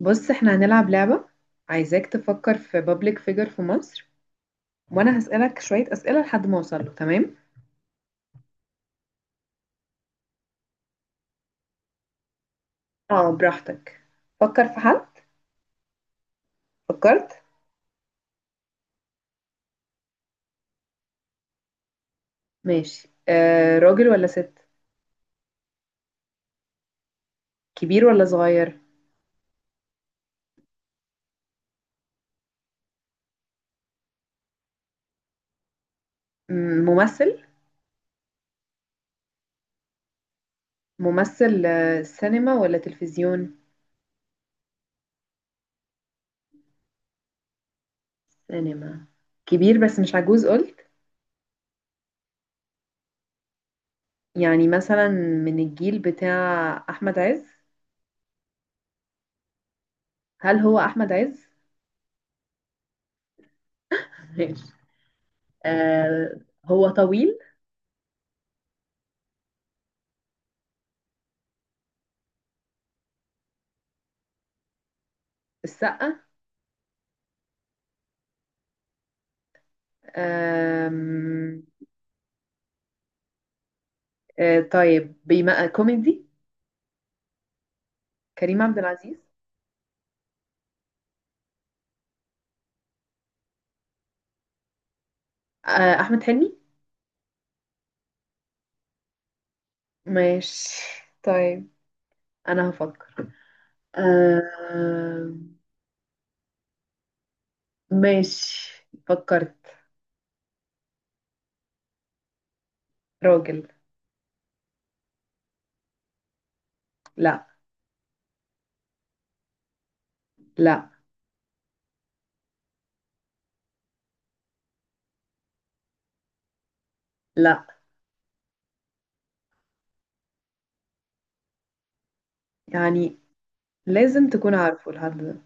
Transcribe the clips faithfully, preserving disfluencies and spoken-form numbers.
بص احنا هنلعب لعبة. عايزاك تفكر في بابليك فيجر في مصر، وانا هسألك شوية اسئلة لحد ما اوصل له. تمام اه براحتك، فكر في حد. فكرت؟ ماشي آه، راجل ولا ست؟ كبير ولا صغير؟ مم، ممثل؟ ممثل آه، سينما ولا تلفزيون؟ سينما. كبير بس مش عجوز قلت. يعني مثلا من الجيل بتاع احمد عز؟ هل هو احمد عز؟ ماشي آه، هو طويل؟ السقا؟ آم، آه طيب بما كوميدي، كريم عبد العزيز؟ آه احمد حلمي. ماشي طيب، انا هفكر آه. ماشي فكرت. راجل. لا لا لا يعني لازم تكون عارفه الحد ده،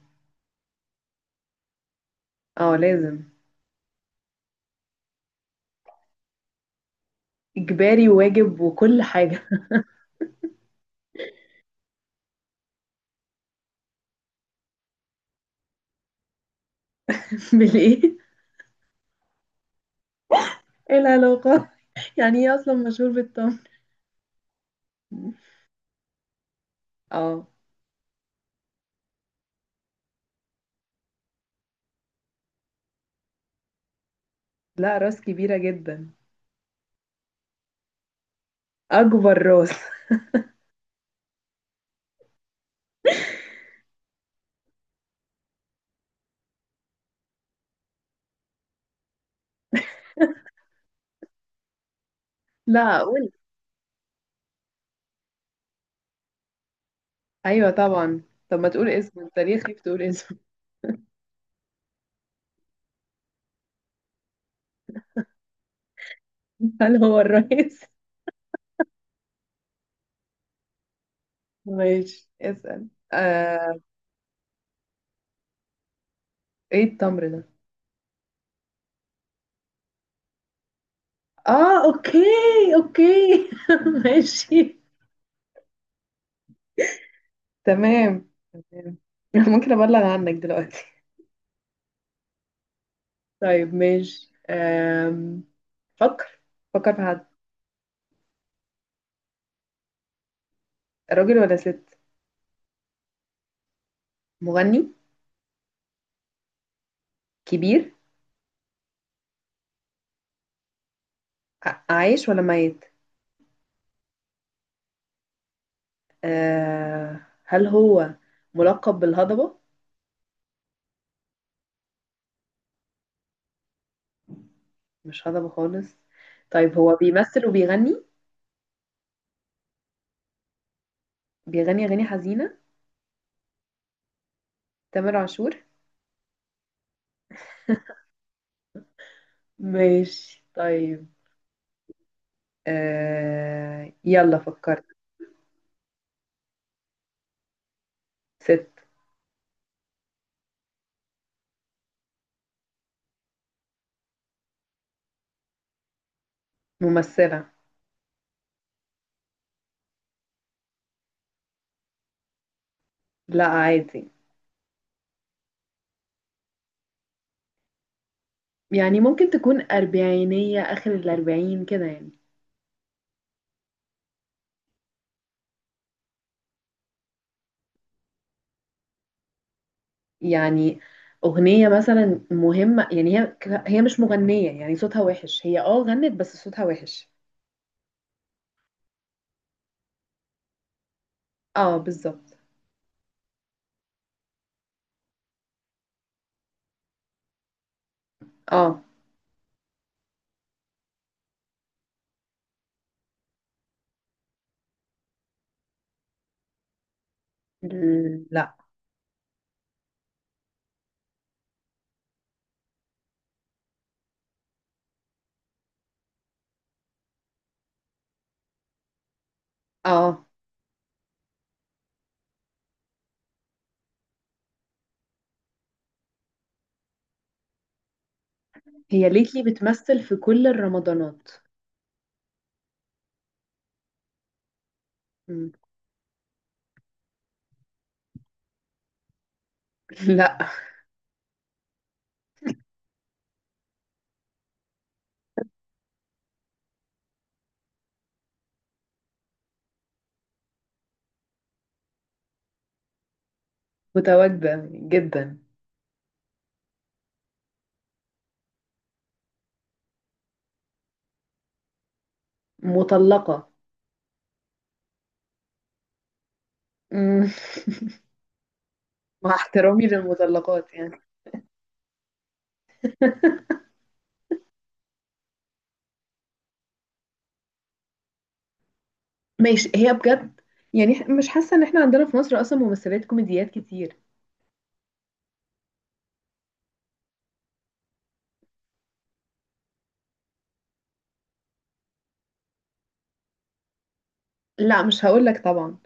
اه لازم. اجباري وواجب وكل حاجة. بالايه؟ ايه العلاقة؟ يعني ايه اصلا مشهور بالطم. اه. لا راس كبيرة جدا. اكبر راس لا قول. ايوه طبعا، طب ما تقول اسمه؟ انت ليه خايف تقول اسمه؟ هل هو الرئيس؟ ماشي اسأل آه... ايه التمر ده؟ اه اوكي، اوكي ماشي، تمام تمام. ممكن ابلغ عنك دلوقتي؟ طيب ماشي آم... فكر، فكر في حد. راجل ولا ست؟ مغني؟ كبير؟ ع- عايش ولا ميت؟ آه... هل هو ملقب بالهضبة؟ مش هضبة خالص؟ طيب هو بيمثل وبيغني؟ بيغني أغاني حزينة؟ تامر عاشور؟ ماشي طيب آه... يلا فكرت. ست. ممثلة. لا عادي. يعني ممكن تكون أربعينية، آخر الأربعين كده يعني. يعني أغنية مثلا مهمة؟ يعني هي، هي مش مغنية، يعني صوتها وحش، هي اه غنت بس صوتها وحش. اه بالظبط. اه. لا. اه هي ليتلي بتمثل في كل الرمضانات. مم. لا. متواجدة جدا. مطلقة. مم. مع احترامي للمطلقات يعني. ماشي. هي بجد يعني إح- مش حاسة ان احنا عندنا في مصر اصلا ممثلات كوميديات كتير. لا مش هقول لك طبعا.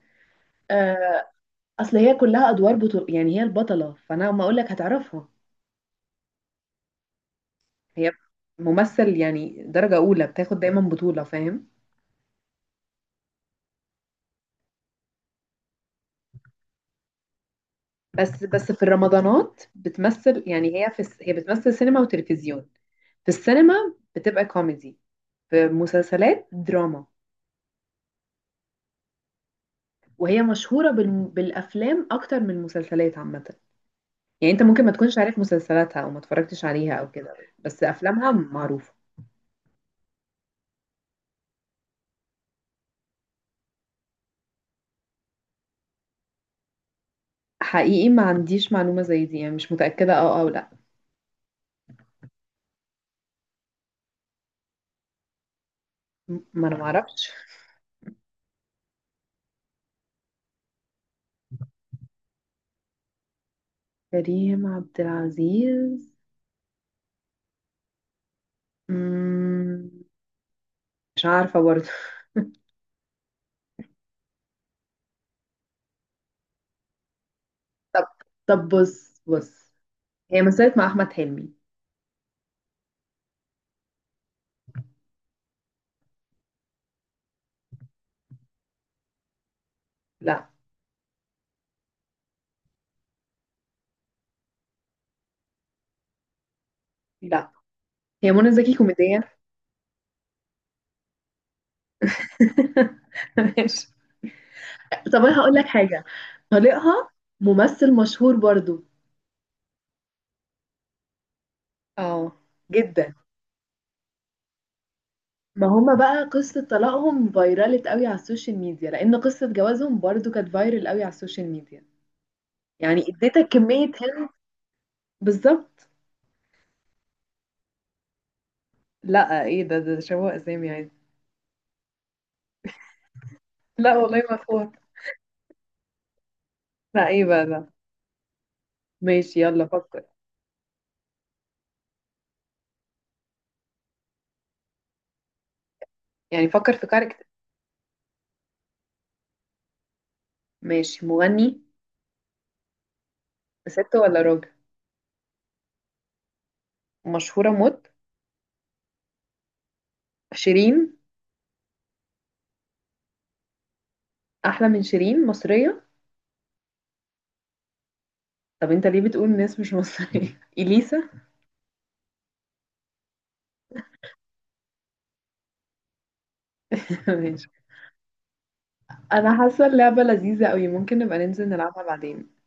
آه، اصل هي كلها ادوار بطل، يعني هي البطلة، فانا ما اقول لك هتعرفها. هي ممثل يعني درجة اولى، بتاخد دايما بطولة، فاهم؟ بس بس في الرمضانات بتمثل، يعني هي في الس- هي بتمثل سينما وتلفزيون. في السينما بتبقى كوميدي، في مسلسلات دراما، وهي مشهورة بال- بالافلام اكتر من المسلسلات عامة. يعني انت ممكن ما تكونش عارف مسلسلاتها او ما اتفرجتش عليها او كده، بس افلامها معروفة. حقيقي ما عنديش معلومة زي دي، يعني مش متأكدة اه او لا. م- ما انا ما اعرفش. كريم عبد العزيز مم، مش عارفة برضه. طب طب بص بص هي مثلت مع احمد حلمي. لا. لا هي منى زكي كوميدية. ماشي، طب انا هقول لك حاجة. طليقها ممثل مشهور برضو. اه جدا، ما هما بقى قصة طلاقهم فايرالت قوي على السوشيال ميديا، لأن قصة جوازهم برضو كانت فايرال قوي على السوشيال ميديا. يعني اديتك كمية هند. بالظبط. لا ايه ده، ده شبه اسامي عادي. لا والله ما فوت. لا ايه بقى ده. ماشي يلا فكر. يعني فكر في كاركتر. ماشي. مغني. ست ولا راجل؟ مشهورة موت؟ شيرين؟ أحلى من شيرين، مصرية؟ طب انت ليه بتقول ناس مش مصرية؟ إليسا. ماشي. أنا حاسة اللعبة لذيذة قوي، ممكن نبقى ننزل نلعبها بعدين.